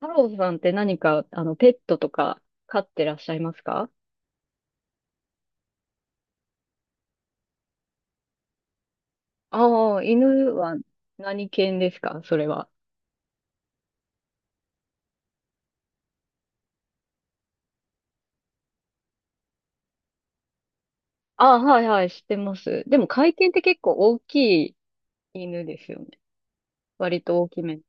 太郎さんって何か、あの、ペットとか飼ってらっしゃいますか？ああ、犬は何犬ですかそれは。ああ、はいはい、知ってます。でも、甲斐犬って結構大きい犬ですよね。割と大きめ。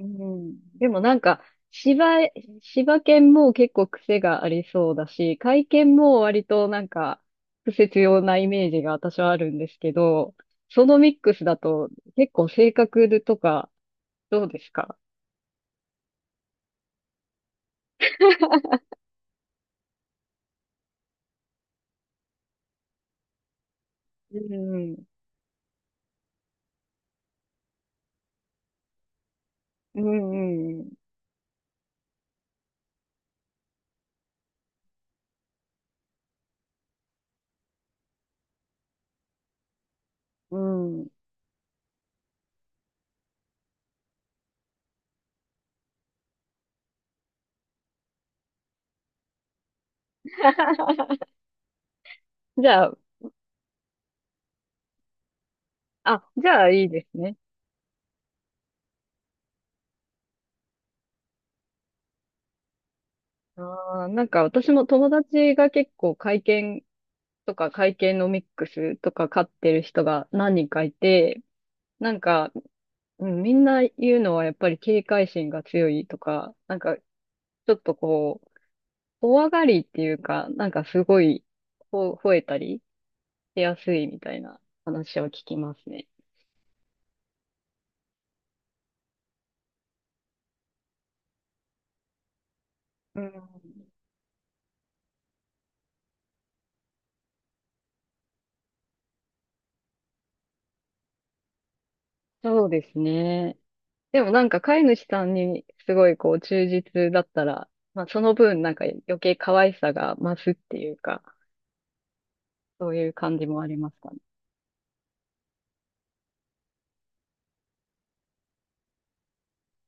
うん。でも柴、柴犬も結構癖がありそうだし、甲斐犬も割と癖強なイメージが私はあるんですけど、そのミックスだと結構性格とかどうですか？うん。うんうん。じゃあ、あ、じゃあいいですね。あー、なんか私も友達が結構会見とか会計のミックスとか買ってる人が何人かいて、なんか、うん、みんな言うのはやっぱり警戒心が強いとか、ちょっとこう、怖がりっていうか、なんかすごい、ほ、吠えたりしやすいみたいな話を聞きますね。うん、そうですね。でもなんか飼い主さんにすごいこう忠実だったら、まあその分なんか余計可愛さが増すっていうか、そういう感じもありますかね。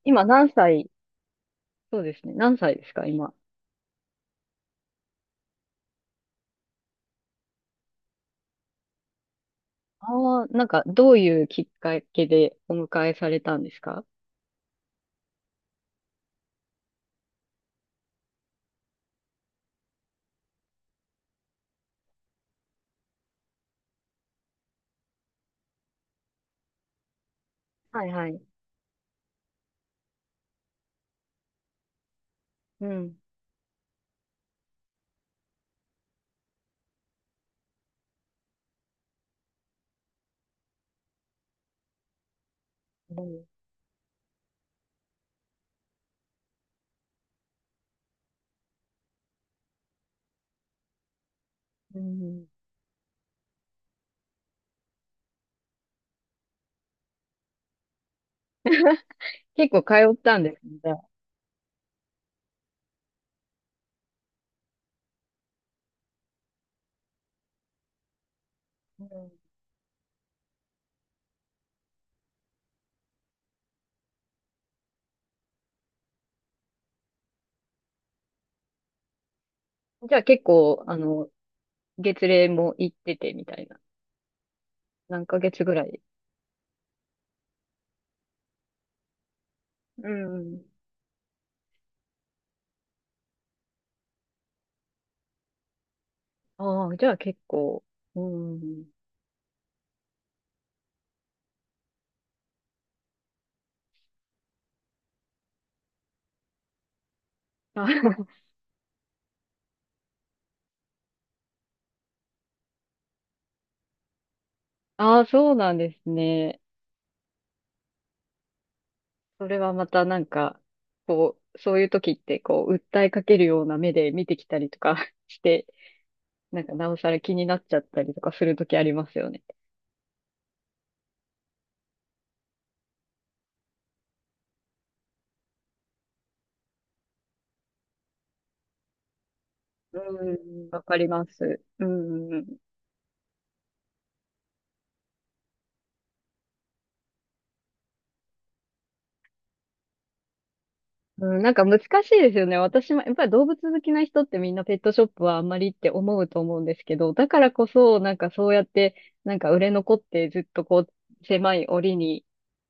今何歳、そうですね、何歳ですか、今。ああ、なんかどういうきっかけでお迎えされたんですか？はいはい。うん。うん。うん、結構通ったんですね、じゃあ。うん、じゃあ結構、あの、月齢も行っててみたいな。何ヶ月ぐらい？うん。ああ、じゃあ結構、うん。ああ、あ、そうなんですね。それはまたなんか、こう、そういう時って、こう、訴えかけるような目で見てきたりとか して、なんか、なおさら気になっちゃったりとかする時ありますよね。うん、わかります。うん、うん。なんか難しいですよね。私も、やっぱり動物好きな人ってみんなペットショップはあんまりって思うと思うんですけど、だからこそ、なんかそうやって、なんか売れ残ってずっとこう、狭い檻に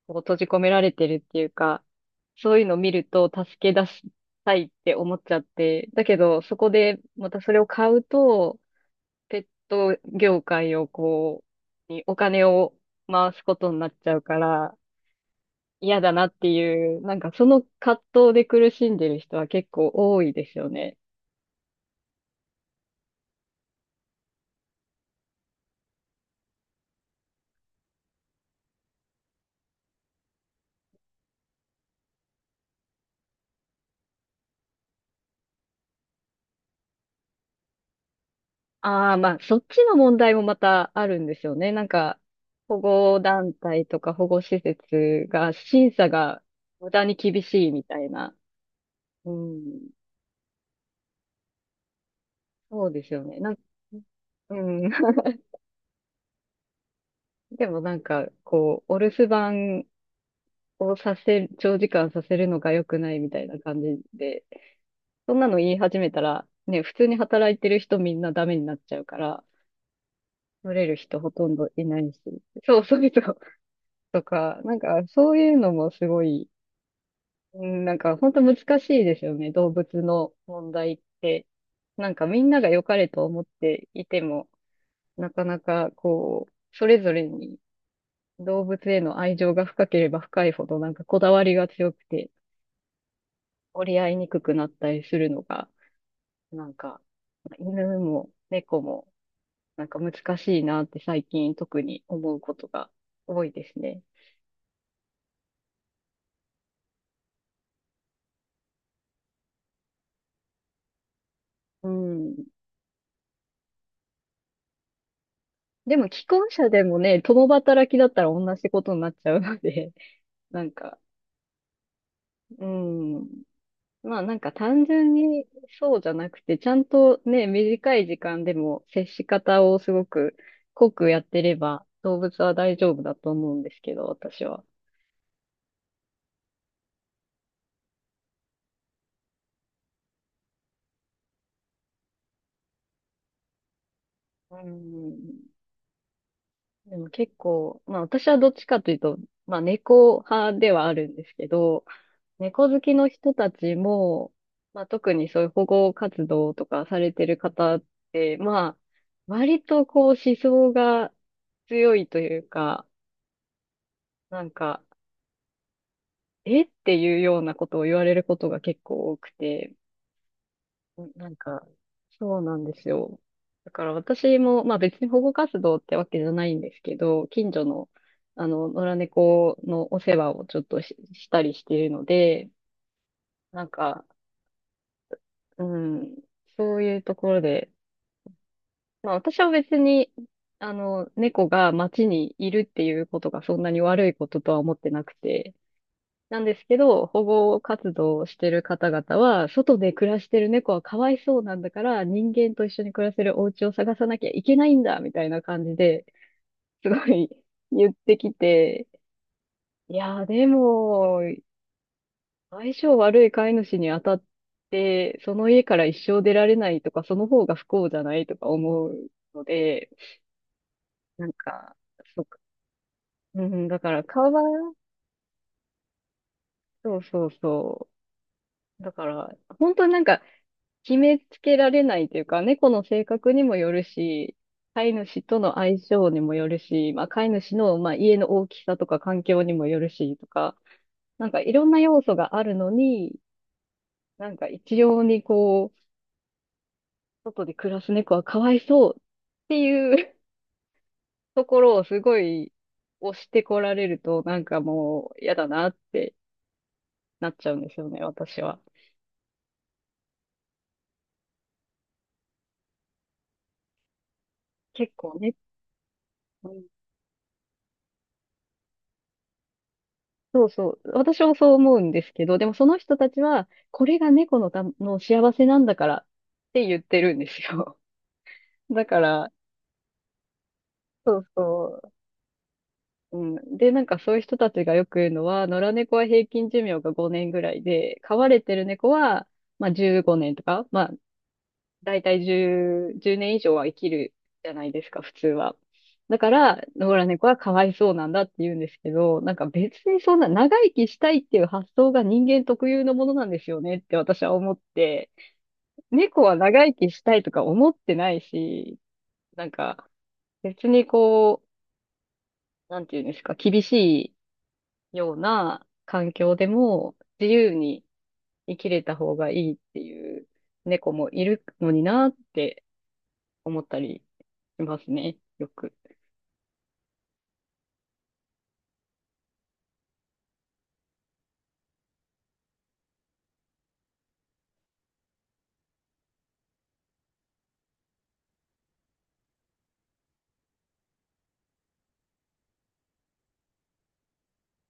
こう閉じ込められてるっていうか、そういうのを見ると助け出したいって思っちゃって、だけどそこでまたそれを買うと、ペット業界をこう、にお金を回すことになっちゃうから嫌だなっていう、なんかその葛藤で苦しんでる人は結構多いですよね。ああ、まあそっちの問題もまたあるんですよね。なんか保護団体とか保護施設が審査が無駄に厳しいみたいな。うん、そうですよね。なん、うん。でもなんか、こう、お留守番をさせ、長時間させるのが良くないみたいな感じで、そんなの言い始めたら、ね、普通に働いてる人みんなダメになっちゃうから、取れる人ほとんどいないし。そうそうそう。とか、なんか、そういうのもすごい、うん、なんか、本当難しいですよね、動物の問題って。なんか、みんなが良かれと思っていても、なかなか、こう、それぞれに動物への愛情が深ければ深いほど、なんかこだわりが強くて、折り合いにくくなったりするのが、なんか、犬も猫も、なんか難しいなって最近特に思うことが多いですね。うん。でも既婚者でもね、共働きだったら同じことになっちゃうので、なんか、うん。まあなんか単純にそうじゃなくて、ちゃんとね、短い時間でも接し方をすごく濃くやってれば動物は大丈夫だと思うんですけど、私は。うん。でも結構、まあ私はどっちかというと、まあ猫派ではあるんですけど、猫好きの人たちも、まあ特にそういう保護活動とかされてる方って、まあ割とこう思想が強いというか、なんか、えっていうようなことを言われることが結構多くて、なんか、そうなんですよ。だから私も、まあ別に保護活動ってわけじゃないんですけど、近所の、あの、野良猫のお世話をちょっとし、したりしているので、なんか、うん、そういうところで、まあ私は別に、あの、猫が街にいるっていうことがそんなに悪いこととは思ってなくて、なんですけど、保護活動をしてる方々は、外で暮らしてる猫はかわいそうなんだから、人間と一緒に暮らせるお家を探さなきゃいけないんだ、みたいな感じで、すごい 言ってきて、いやー、でも、相性悪い飼い主に当たって、その家から一生出られないとか、その方が不幸じゃないとか思うので、なんか、そうか、うん、だから、かわい、そうそうそう。だから、本当になんか、決めつけられないというか、猫の性格にもよるし、飼い主との相性にもよるし、まあ、飼い主の、まあ、家の大きさとか環境にもよるしとか、なんかいろんな要素があるのに、なんか一様にこう、外で暮らす猫はかわいそうっていう ところをすごい押してこられると、なんかもう嫌だなってなっちゃうんですよね、私は。結構ね。そうそう。私もそう思うんですけど、でもその人たちは、これが猫のた、の幸せなんだからって言ってるんですよ。だから、そうそう。うん。で、なんかそういう人たちがよく言うのは、野良猫は平均寿命が5年ぐらいで、飼われてる猫は、まあ15年とか、まあだいたい10、年以上は生きるじゃないですか、普通は。だから、野良猫はかわいそうなんだって言うんですけど、なんか別にそんな長生きしたいっていう発想が人間特有のものなんですよねって私は思って、猫は長生きしたいとか思ってないし、なんか別にこう、なんていうんですか、厳しいような環境でも自由に生きれた方がいいっていう猫もいるのになって思ったりしますね。よく。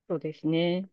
そうですね。